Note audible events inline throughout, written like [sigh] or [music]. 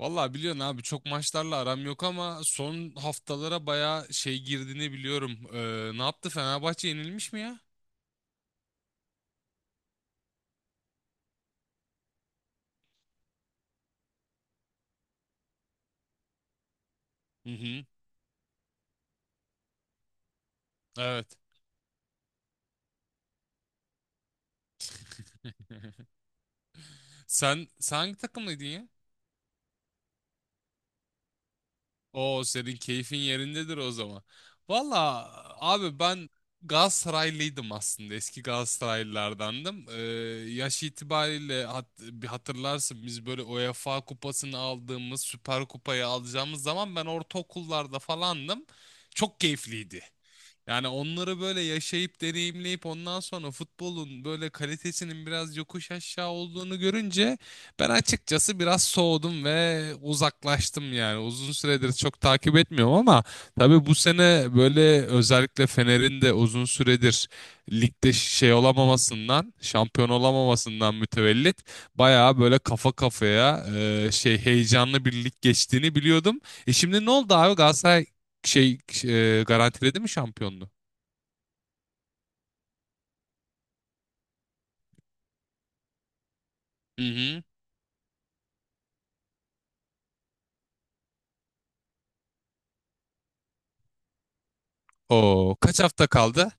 Vallahi biliyorsun abi çok maçlarla aram yok ama son haftalara bayağı şey girdiğini biliyorum. Ne yaptı Fenerbahçe yenilmiş mi ya? Hı hı. Evet. [laughs] Sen hangi takımlıydın ya? Oo senin keyfin yerindedir o zaman. Vallahi abi ben Galatasaraylıydım aslında. Eski Galatasaraylılardandım. Yaş itibariyle bir hatırlarsın biz böyle UEFA kupasını aldığımız, Süper Kupayı alacağımız zaman ben ortaokullarda falandım. Çok keyifliydi. Yani onları böyle yaşayıp deneyimleyip ondan sonra futbolun böyle kalitesinin biraz yokuş aşağı olduğunu görünce ben açıkçası biraz soğudum ve uzaklaştım yani. Uzun süredir çok takip etmiyorum ama tabii bu sene böyle özellikle Fener'in de uzun süredir ligde şey olamamasından, şampiyon olamamasından mütevellit bayağı böyle kafa kafaya şey heyecanlı bir lig geçtiğini biliyordum. E şimdi ne oldu abi Galatasaray şey garantiledi mi şampiyonluğu? Hı hı. O kaç hafta kaldı?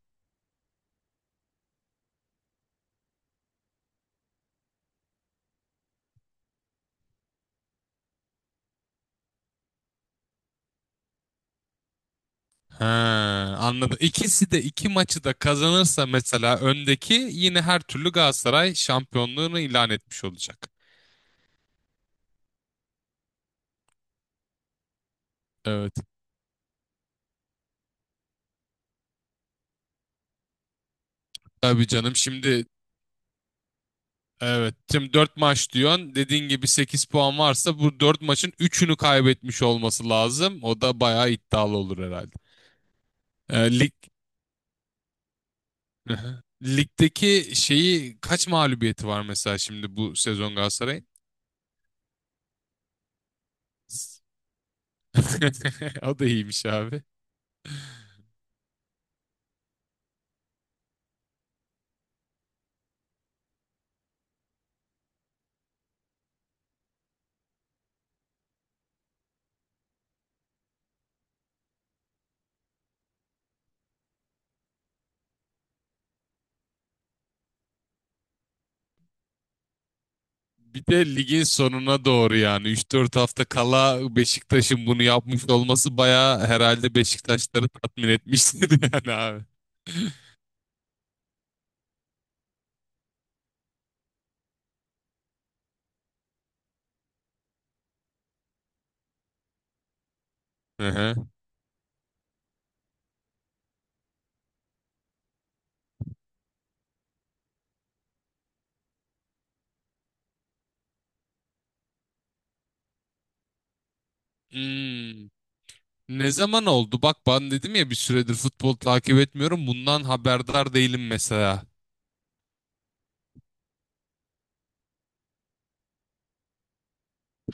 Ha, anladım. İkisi de iki maçı da kazanırsa mesela öndeki yine her türlü Galatasaray şampiyonluğunu ilan etmiş olacak. Evet. Tabii canım şimdi evet şimdi 4 maç diyorsun. Dediğin gibi 8 puan varsa bu 4 maçın üçünü kaybetmiş olması lazım. O da bayağı iddialı olur herhalde. Lig [laughs] Ligdeki şeyi kaç mağlubiyeti var mesela şimdi bu sezon Galatasaray'ın? [laughs] O da iyiymiş abi. Bir de ligin sonuna doğru yani 3-4 hafta kala Beşiktaş'ın bunu yapmış olması bayağı herhalde Beşiktaşları tatmin etmiştir [laughs] yani abi. Hı hı. Hmm. Ne zaman oldu? Bak ben dedim ya bir süredir futbol takip etmiyorum. Bundan haberdar değilim mesela.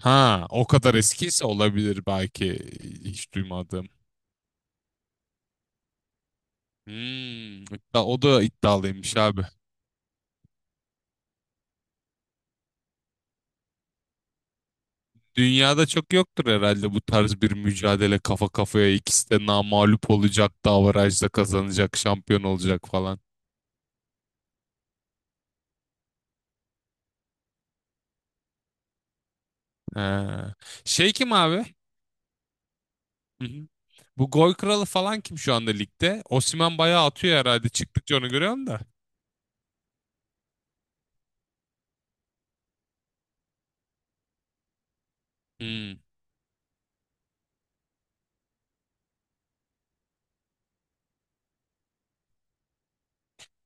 Ha, o kadar eskiyse olabilir belki hiç duymadım. Hmm, o da iddialıymış abi. Dünyada çok yoktur herhalde bu tarz bir mücadele kafa kafaya ikisi de namağlup olacak, davarajda kazanacak, şampiyon olacak falan. He. Şey kim abi? Hı hı. Bu gol kralı falan kim şu anda ligde? Osimhen bayağı atıyor herhalde çıktıkça onu görüyorum da. Hmm.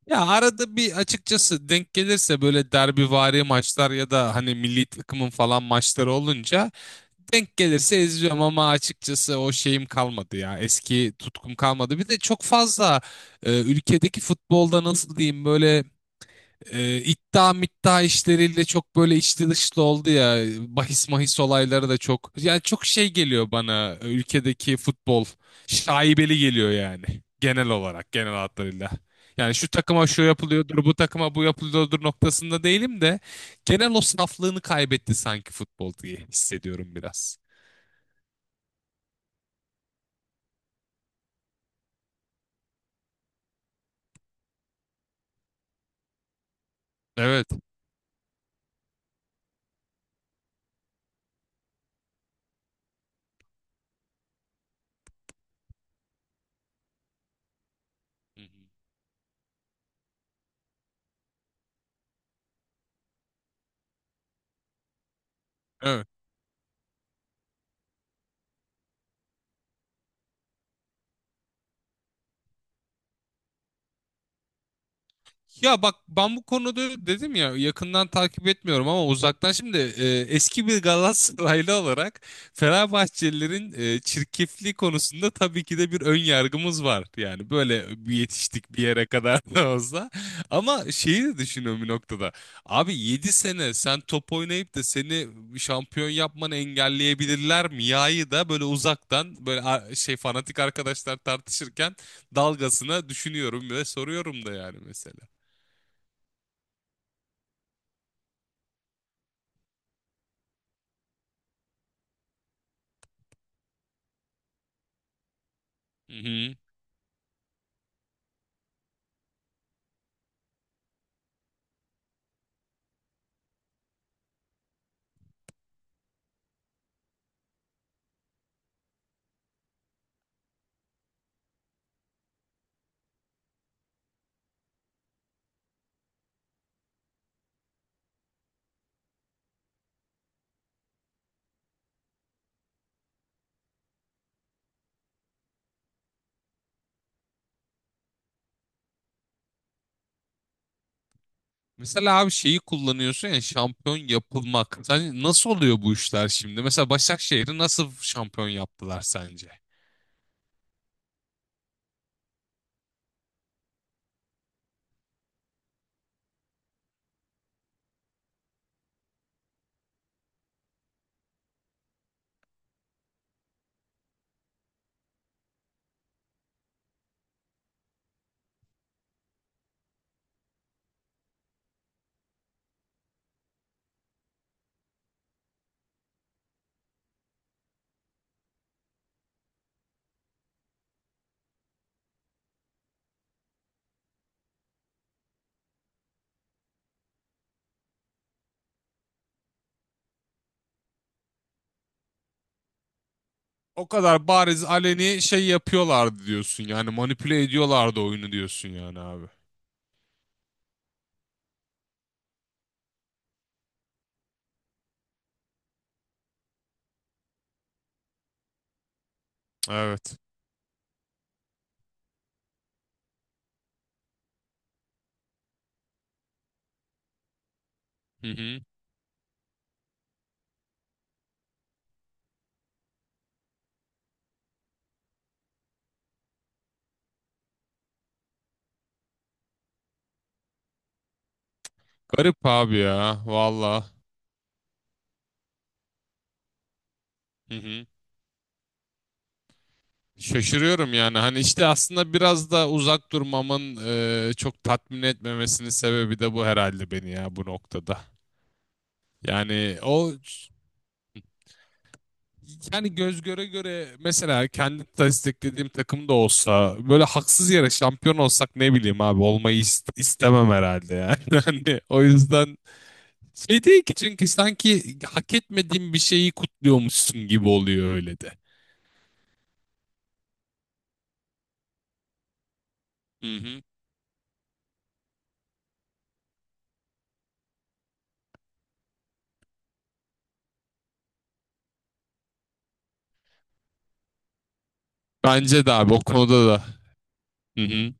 Ya arada bir açıkçası denk gelirse böyle derbivari maçlar ya da hani milli takımın falan maçları olunca denk gelirse izliyorum ama açıkçası o şeyim kalmadı ya. Eski tutkum kalmadı. Bir de çok fazla ülkedeki futbolda nasıl diyeyim böyle iddia middia işleriyle çok böyle içli dışlı oldu ya. Bahis mahis olayları da çok. Yani çok şey geliyor bana ülkedeki futbol. Şaibeli geliyor yani. Genel olarak genel hatlarıyla. Yani şu takıma şu yapılıyordur, bu takıma bu yapılıyordur noktasında değilim de genel o saflığını kaybetti sanki futbol diye hissediyorum biraz. Evet. Hı hı. Evet. Ya bak ben bu konuda dedim ya yakından takip etmiyorum ama uzaktan şimdi eski bir Galatasaraylı olarak Fenerbahçelilerin çirkefliği konusunda tabii ki de bir ön yargımız var. Yani böyle bir yetiştik bir yere kadar [laughs] da olsa. Ama şeyi de düşünüyorum bir noktada. Abi 7 sene sen top oynayıp da seni şampiyon yapmanı engelleyebilirler mi? Ya'yı da böyle uzaktan böyle şey fanatik arkadaşlar tartışırken dalgasına düşünüyorum ve soruyorum da yani mesela. Hı hı. Mesela abi şeyi kullanıyorsun ya şampiyon yapılmak. Sen nasıl oluyor bu işler şimdi? Mesela Başakşehir'i nasıl şampiyon yaptılar sence? O kadar bariz aleni şey yapıyorlardı diyorsun yani manipüle ediyorlardı oyunu diyorsun yani abi. Evet. Hı hı. Garip abi ya valla. Hı hı. Şaşırıyorum yani hani işte aslında biraz da uzak durmamın çok tatmin etmemesinin sebebi de bu herhalde beni ya bu noktada. Yani o yani göz göre göre mesela kendi desteklediğim takım da olsa böyle haksız yere şampiyon olsak ne bileyim abi olmayı istemem herhalde yani. [laughs] Hani o yüzden şey değil ki çünkü sanki hak etmediğim bir şeyi kutluyormuşsun gibi oluyor öyle de. Hı hı. Bence de abi o konuda da. Hı hı.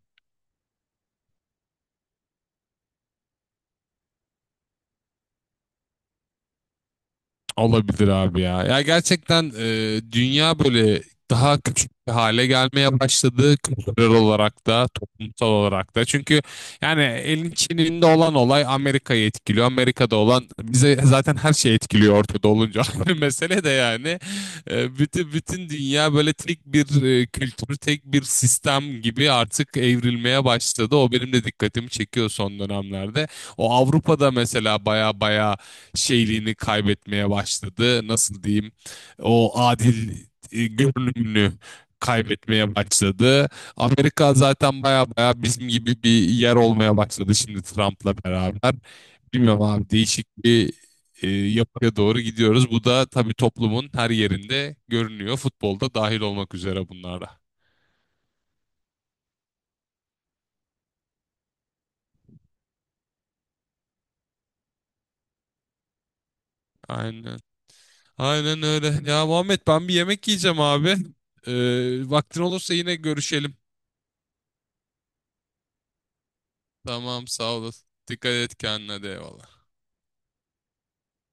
Olabilir abi ya. Ya gerçekten dünya böyle daha küçük bir hale gelmeye başladı kültürel olarak da toplumsal olarak da. Çünkü yani elin Çin'inde olan olay Amerika'yı etkiliyor. Amerika'da olan bize zaten her şey etkiliyor ortada olunca. [laughs] Mesele de yani bütün bütün dünya böyle tek bir kültür, tek bir sistem gibi artık evrilmeye başladı. O benim de dikkatimi çekiyor son dönemlerde. O Avrupa'da mesela baya baya şeyliğini kaybetmeye başladı. Nasıl diyeyim? O adil görünümünü kaybetmeye başladı. Amerika zaten baya baya bizim gibi bir yer olmaya başladı şimdi Trump'la beraber. Bilmiyorum abi değişik bir yapıya doğru gidiyoruz. Bu da tabii toplumun her yerinde görünüyor. Futbolda dahil olmak üzere bunlarda. Aynen. Aynen öyle. Ya Muhammed ben bir yemek yiyeceğim abi. Ee, Vaktin olursa yine görüşelim. Tamam sağ olasın. Dikkat et kendine de eyvallah.